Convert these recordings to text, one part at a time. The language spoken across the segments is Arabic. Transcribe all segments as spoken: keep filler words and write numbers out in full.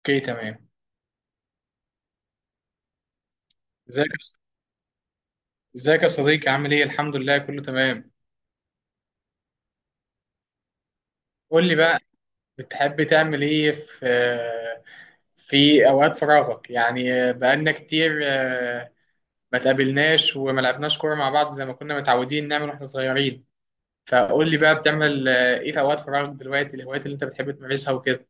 اوكي تمام. ازيك يا ص- ازيك يا صديقي، عامل ايه؟ الحمد لله كله تمام. قول لي بقى، بتحب تعمل ايه في في اوقات فراغك؟ يعني بقالنا كتير آه، ما تقابلناش وما لعبناش كوره مع بعض زي ما كنا متعودين نعمل واحنا صغيرين. فقول لي بقى، بتعمل آه، ايه في اوقات فراغك دلوقتي؟ الهوايات اللي انت بتحب تمارسها وكده.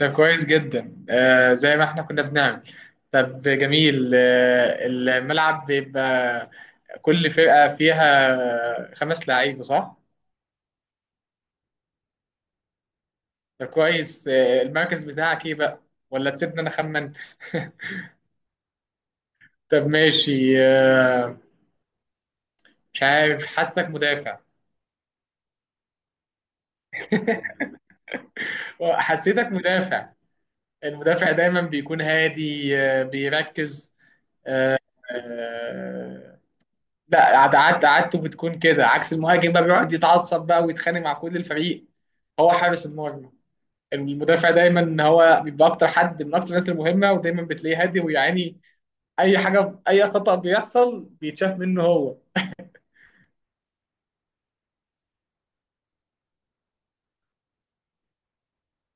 ده كويس جدا، آه، زي ما احنا كنا بنعمل. طب جميل، آه، الملعب بيبقى كل فرقة فيها خمس لعيبة، صح؟ ده كويس. آه، المركز بتاعك ايه بقى؟ ولا تسيبني انا اخمن. طب ماشي. آه، مش عارف، حاسسك مدافع. حسيتك مدافع. المدافع دايما بيكون هادي، آه، بيركز. آه، لا عد- عد- عادته بتكون كده، عكس المهاجم بقى بيقعد يتعصب بقى ويتخانق مع كل الفريق هو حارس المرمى. المدافع دايما هو بيبقى اكتر حد، من اكتر الناس المهمه، ودايما بتلاقيه هادي ويعاني اي حاجه، اي خطأ بيحصل بيتشاف منه هو.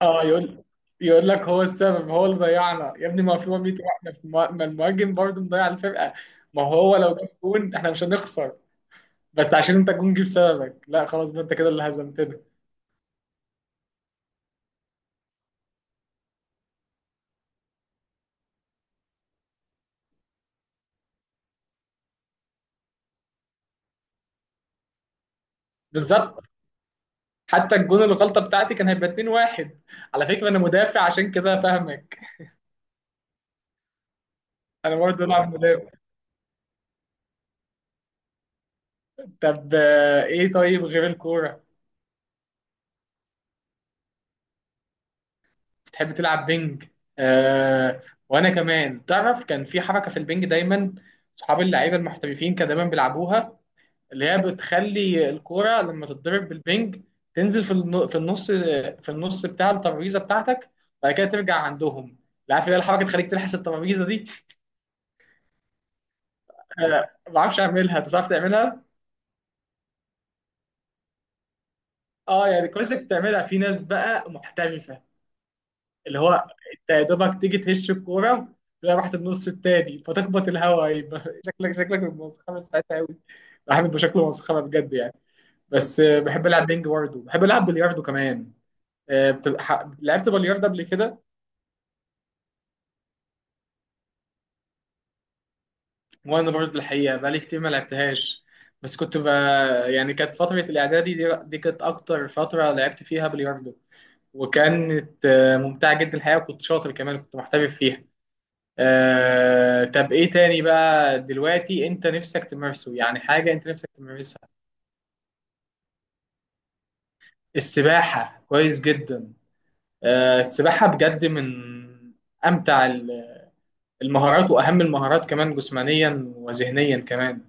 اه يقول، يقول لك هو السبب، هو اللي ضيعنا يا ابني، ما في مية واحد. ما ما المهاجم برضه مضيع الفرقه. ما هو لو جاب جون احنا مش هنخسر، بس عشان انت الجون جه بسببك، لا خلاص بقى انت كده اللي هزمتنا. بالظبط. حتى الجون الغلطه بتاعتي كان هيبقى اتنين واحد. على فكره انا مدافع عشان كده فاهمك. انا برضه العب مدافع. طب، آه، ايه طيب غير الكوره؟ بتحب تلعب بينج. آه، وانا كمان تعرف كان في حركه في البينج دايما صحاب اللعيبه المحترفين كانوا دايما بيلعبوها، اللي هي بتخلي الكورة لما تتضرب بالبنج تنزل في الن- في النص، في النص بتاع الترابيزة بتاعتك، بعد كده ترجع عندهم. لا، عارف اللي هي الحركة تخليك تلحس الترابيزة دي. آه، ما بعرفش اعملها، انت بتعرف تعملها. اه يعني كويس انك بتعملها، في ناس بقى محترفة اللي هو انت يا دوبك تيجي تهش الكورة تلاقي رحت النص التاني فتخبط الهوا يبقى شكلك شكلك مسخرة ساعتها قوي. بحب شكله مسخرة بجد يعني. بس آه، بحب العب بينج، برضه بحب العب بلياردو كمان. آه، بتبقى ح- لعبت بلياردة قبل كده؟ وانا برضه الحقيقه بقالي كتير ما لعبتهاش. بس كنت ب... يعني كانت فتره الاعدادي دي, دي كانت اكتر فتره لعبت فيها بلياردو. وكانت آه، ممتعه جدا الحقيقه، وكنت شاطر كمان، كنت محترف فيها. آه... طب ايه تاني بقى دلوقتي انت نفسك تمارسه؟ يعني حاجه انت نفسك تمارسها. السباحه كويس جدا. آه... السباحه بجد من امتع المهارات واهم المهارات كمان، جسمانيا وذهنيا كمان،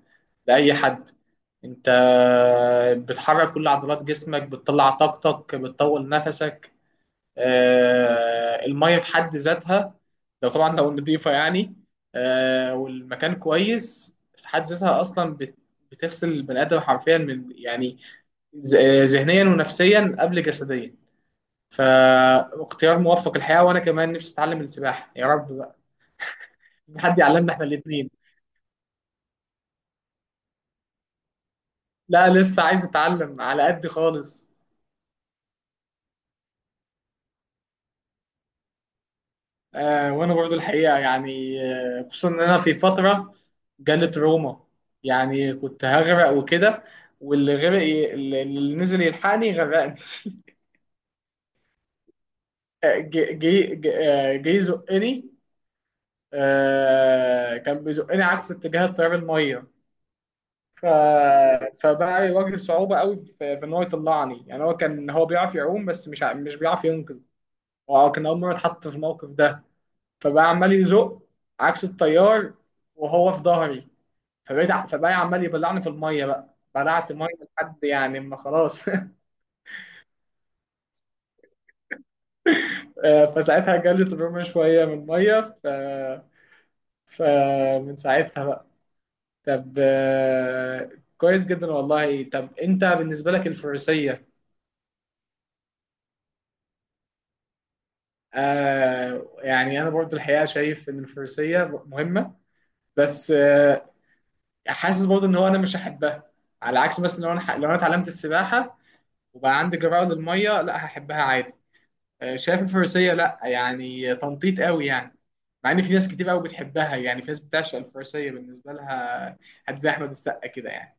لاي حد. انت بتحرك كل عضلات جسمك، بتطلع طاقتك، بتطول نفسك. آه، المية في حد ذاتها، لو طبعا لو نضيفة يعني. آه، والمكان كويس في حد ذاتها، اصلا بت- بتغسل البني ادم حرفيا من يعني، ز- آه، ذهنيا ونفسيا قبل جسديا. فاختيار موفق الحقيقة. وانا كمان نفسي اتعلم السباحة يا رب بقى، حد يعلمنا احنا الاتنين. لا لسه عايز اتعلم على قد خالص. آه وانا برضو الحقيقه يعني، آه خصوصا ان انا في فتره جالت روما، يعني كنت هغرق وكده، واللي غرق ي- اللي اللي نزل يلحقني غرقني. آه، جه جه- جه- آه، جه يزقني. آه، كان بيزقني عكس اتجاه التيار الميه. ف... فبقى يواجه صعوبه قوي في في ان هو يطلعني، يعني هو كان، هو بيعرف يعوم بس مش ع- مش بيعرف ينقذ، وكان اول مره اتحط في الموقف ده. فبقى عمال يزق عكس التيار وهو في ظهري، فبقيت ع- فبقى عمال يبلعني في الميه، بقى بلعت ميه لحد يعني ما خلاص. آه، فساعتها جالي تروما شويه من الميه. ف فمن ساعتها بقى. طب، آه، كويس جدا والله. طب انت بالنسبه لك الفروسيه؟ آه يعني انا برضو الحقيقه شايف ان الفروسيه مهمه، بس آه، حاسس برضو ان هو انا مش هحبها. على عكس مثلا لو انا، لو انا اتعلمت السباحه وبقى عندي جرأة للمية، لا هحبها عادي. آه، شايف الفروسية، لا يعني، تنطيط قوي يعني. مع ان في ناس كتير قوي بتحبها، يعني في ناس بتعشق الفروسية بالنسبة لها، هات زي احمد السقا كده يعني.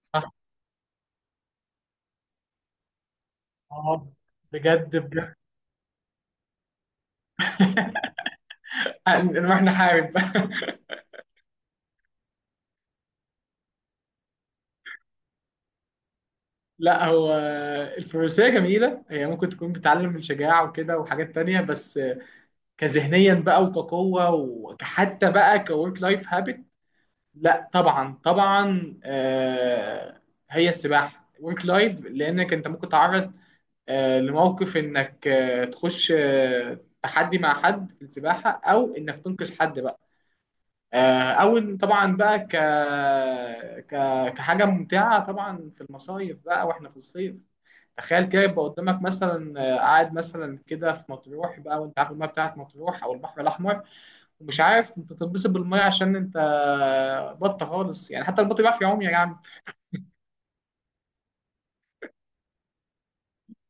صح. اه بجد بجد، آه، نروح نحارب. لا هو الفروسية جميلة، هي ممكن تكون بتعلم الشجاعة وكده وحاجات تانية، بس كذهنيا بقى وكقوة وكحتى بقى كورك لايف هابت، لا طبعا طبعا. آه، هي السباحه ورك لايف، لانك انت ممكن تعرض آه، لموقف انك آه، تخش آه، تحدي مع حد في السباحه، او انك تنقذ حد بقى. آه، او إن طبعا بقى ك... ك كحاجه ممتعه طبعا في المصايف بقى واحنا في الصيف، تخيل كده يبقى قدامك مثلا، آه، قاعد مثلا كده في مطروح بقى، وانت عارف الميه بتاعت مطروح او البحر الاحمر، مش عارف، انت تتبسط بالميه عشان انت بط خالص، يعني حتى البط بيعرف يعوم يا جدع.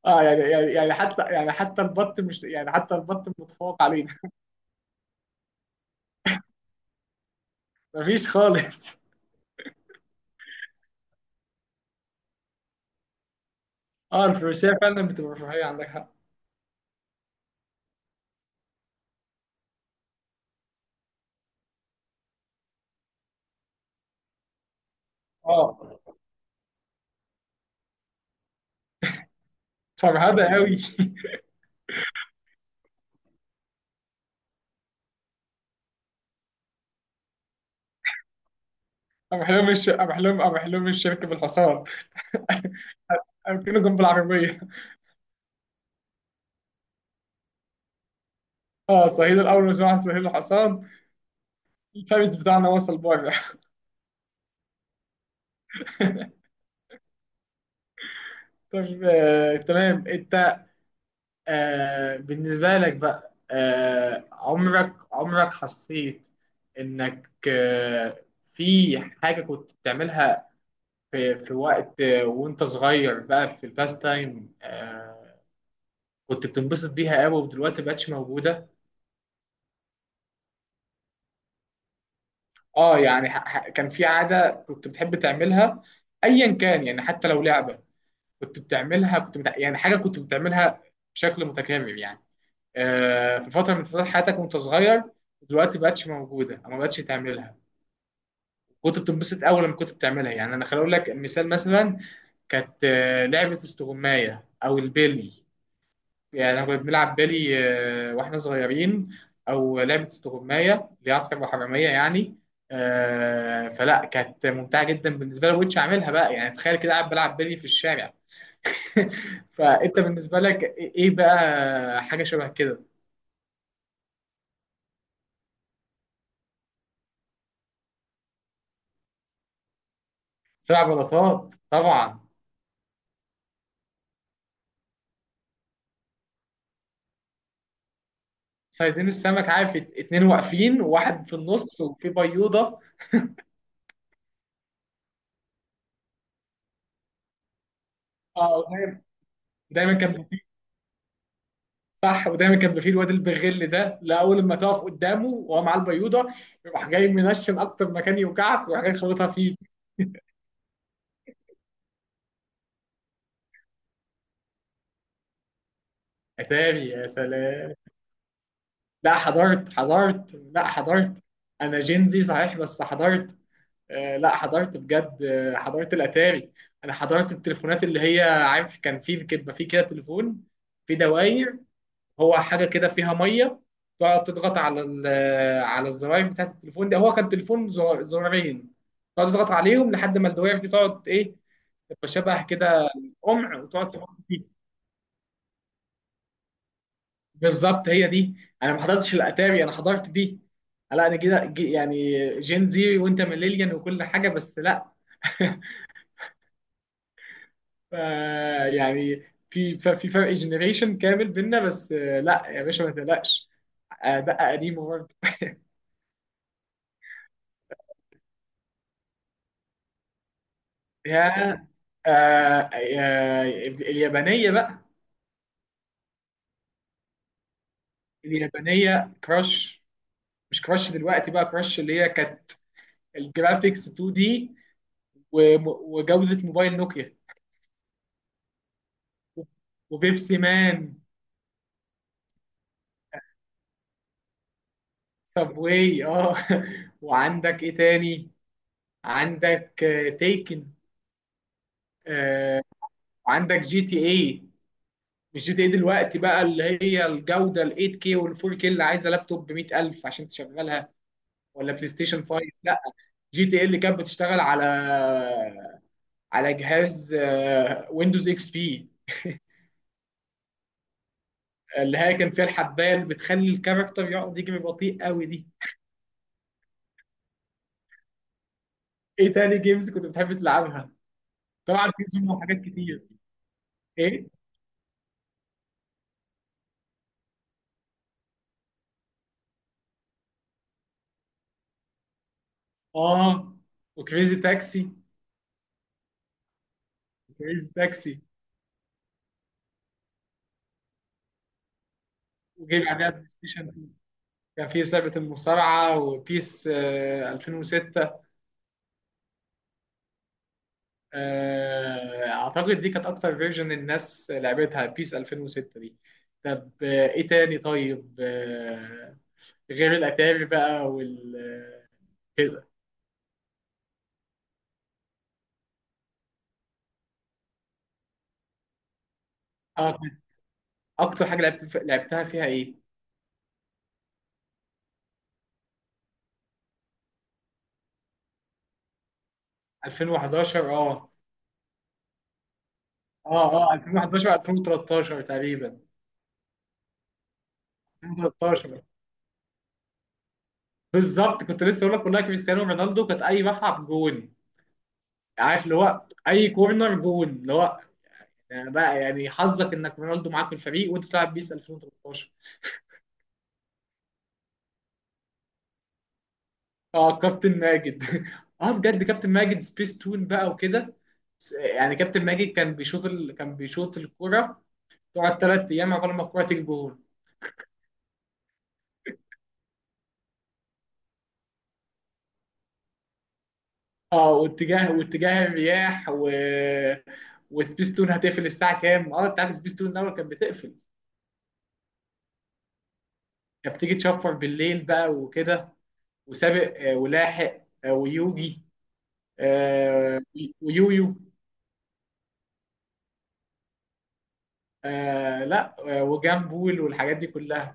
اه، يعني يعني يعني حتى يعني حتى البط مش يعني، حتى البط متفوق علينا. مفيش خالص. اه الفروسيه فعلا بتبقى رفاهيه، عندك حق. اه فرهده قوي. انا حلم الش... انا حلم انا حلم الشركه بالحصان. أركنه جنب العربية. اه صهيل، الأول ما سمعها صهيل الحصان الفارس بتاعنا وصل بره. طب، آه، تمام. أنت آه بالنسبة لك بقى، آه عمرك عمرك حسيت إنك آه في حاجة كنت بتعملها في، في وقت آه وأنت صغير بقى، في الباست تايم، آه كنت بتنبسط بيها قوي، ودلوقتي مبقتش موجودة؟ آه يعني ح- ح- كان في عادة كنت بتحب تعملها، أيا كان يعني حتى لو لعبة، كنت بتعملها، كنت بتع... يعني حاجة كنت بتعملها بشكل متكرر يعني، آه، في فتره من فترات حياتك وانت صغير، دلوقتي ما بقتش موجوده او ما بقتش تعملها، كنت بتنبسط اول لما كنت بتعملها. يعني انا خليني اقول لك مثال، مثلا كانت آه، لعبه استغمايه او البيلي، يعني احنا كنا بنلعب بيلي آه، واحنا صغيرين، او لعبه استغمايه اللي هي عسكر وحراميه يعني، آه، فلا كانت ممتعه جدا بالنسبه لي. ما كنتش اعملها بقى يعني، تخيل كده قاعد بلعب بيلي في الشارع. فانت بالنسبه لك ايه بقى حاجه شبه كده؟ سبع بلاطات، طبعا. صيادين السمك، عارف، ات- اتنين واقفين وواحد في النص وفي بيوضه. اه دايما، دايما كان بيبقى فيه، صح. ودايما كان بيبقى فيه الواد البغل ده، لا اول ما تقف قدامه وهو معاه البيوضه يروح جاي منشن اكتر مكان يوجعك ويروح جاي خبطها فيه. اتاري، يا سلام. لا حضرت، حضرت لا حضرت. انا جينزي صحيح بس حضرت. آه لا حضرت بجد، آه حضرت الاتاري. انا حضرت التليفونات اللي هي، عارف، كان في بيبقى في كده تليفون في دواير، هو حاجه كده فيها ميه، تقعد تضغط على ال- على الزراير بتاعت التليفون ده، هو كان تليفون زر- زرارين، تقعد تضغط عليهم لحد ما الدوائر دي تقعد ايه، تبقى شبه كده قمع وتقعد تحط فيه. بالظبط هي دي. انا ما حضرتش الاتاري انا حضرت دي. لا انا كده جي- يعني جين زيري وانت ميلينيال وكل حاجه، بس لا. ف- يعني في ف- في فرق جنريشن كامل بينا، بس آه، لا يا باشا ما تقلقش. آه، ده قديم. يا آه يا اليابانية بقى. اليابانية، كراش. مش كراش دلوقتي بقى، كراش اللي هي كانت الجرافيكس اتنين دي، وم- وجودة موبايل نوكيا، وبيبسي مان. سابواي، اه. وعندك ايه تاني؟ عندك آه، تيكن. آه، وعندك جي تي اي. مش جي تي اي دلوقتي بقى اللي هي الجودة ال ثمانية كيه وال اربعة كيه اللي عايزة لابتوب ب مائة ألف عشان تشغلها، ولا بلاي ستيشن خمسة، لا. جي تي اللي كانت بتشتغل على على جهاز ويندوز اكس بي، اللي هي كان فيها الحبايه اللي بتخلي الكاركتر يقعد يجري بطيء قوي دي. ايه تاني جيمز كنت بتحب تلعبها؟ طبعا في زوم وحاجات كتير. ايه؟ اه وكريزي تاكسي. كريزي تاكسي. وجيم عليها بلاي ستيشن اتنين، كان في لعبه المصارعه، وبيس آه، الفين وستة. آه، اعتقد دي كانت اكتر فيرجن الناس لعبتها بيس ألفين وستة دي. طب، آه، ايه تاني طيب، آه، غير الاتاري بقى وال آه، كده. اه. اكتر حاجه لعبت لعبتها فيها ايه؟ الفين وحداشر. اه اه اه، الفين وحداشر، الفين وتلتاشر تقريبا. الفين وتلتاشر بالظبط، كنت لسه اقول لك والله كريستيانو رونالدو كانت اي ملعب جون، عارف اللي هو اي كورنر جون، اللي هو يعني بقى، يعني حظك انك رونالدو معاك في الفريق وانت بتلعب بيس الفين وتلتاشر. اه، كابتن ماجد. اه بجد، كابتن ماجد سبيس تون بقى وكده، س- يعني كابتن ماجد كان بيشوط ال... كان بيشوط الكرة تقعد ثلاث ايام عقبال ما الكرة تيجي جون. اه واتجاه واتجاه الرياح، و وسبيس تون هتقفل الساعة كام، اه انت عارف سبيس تون الاول كانت بتقفل، كانت بتيجي تشفر بالليل بقى وكده. وسابق آه، ولاحق آه، ويوجي آه، ويويو آه، لا آه، وجامبول والحاجات دي كلها.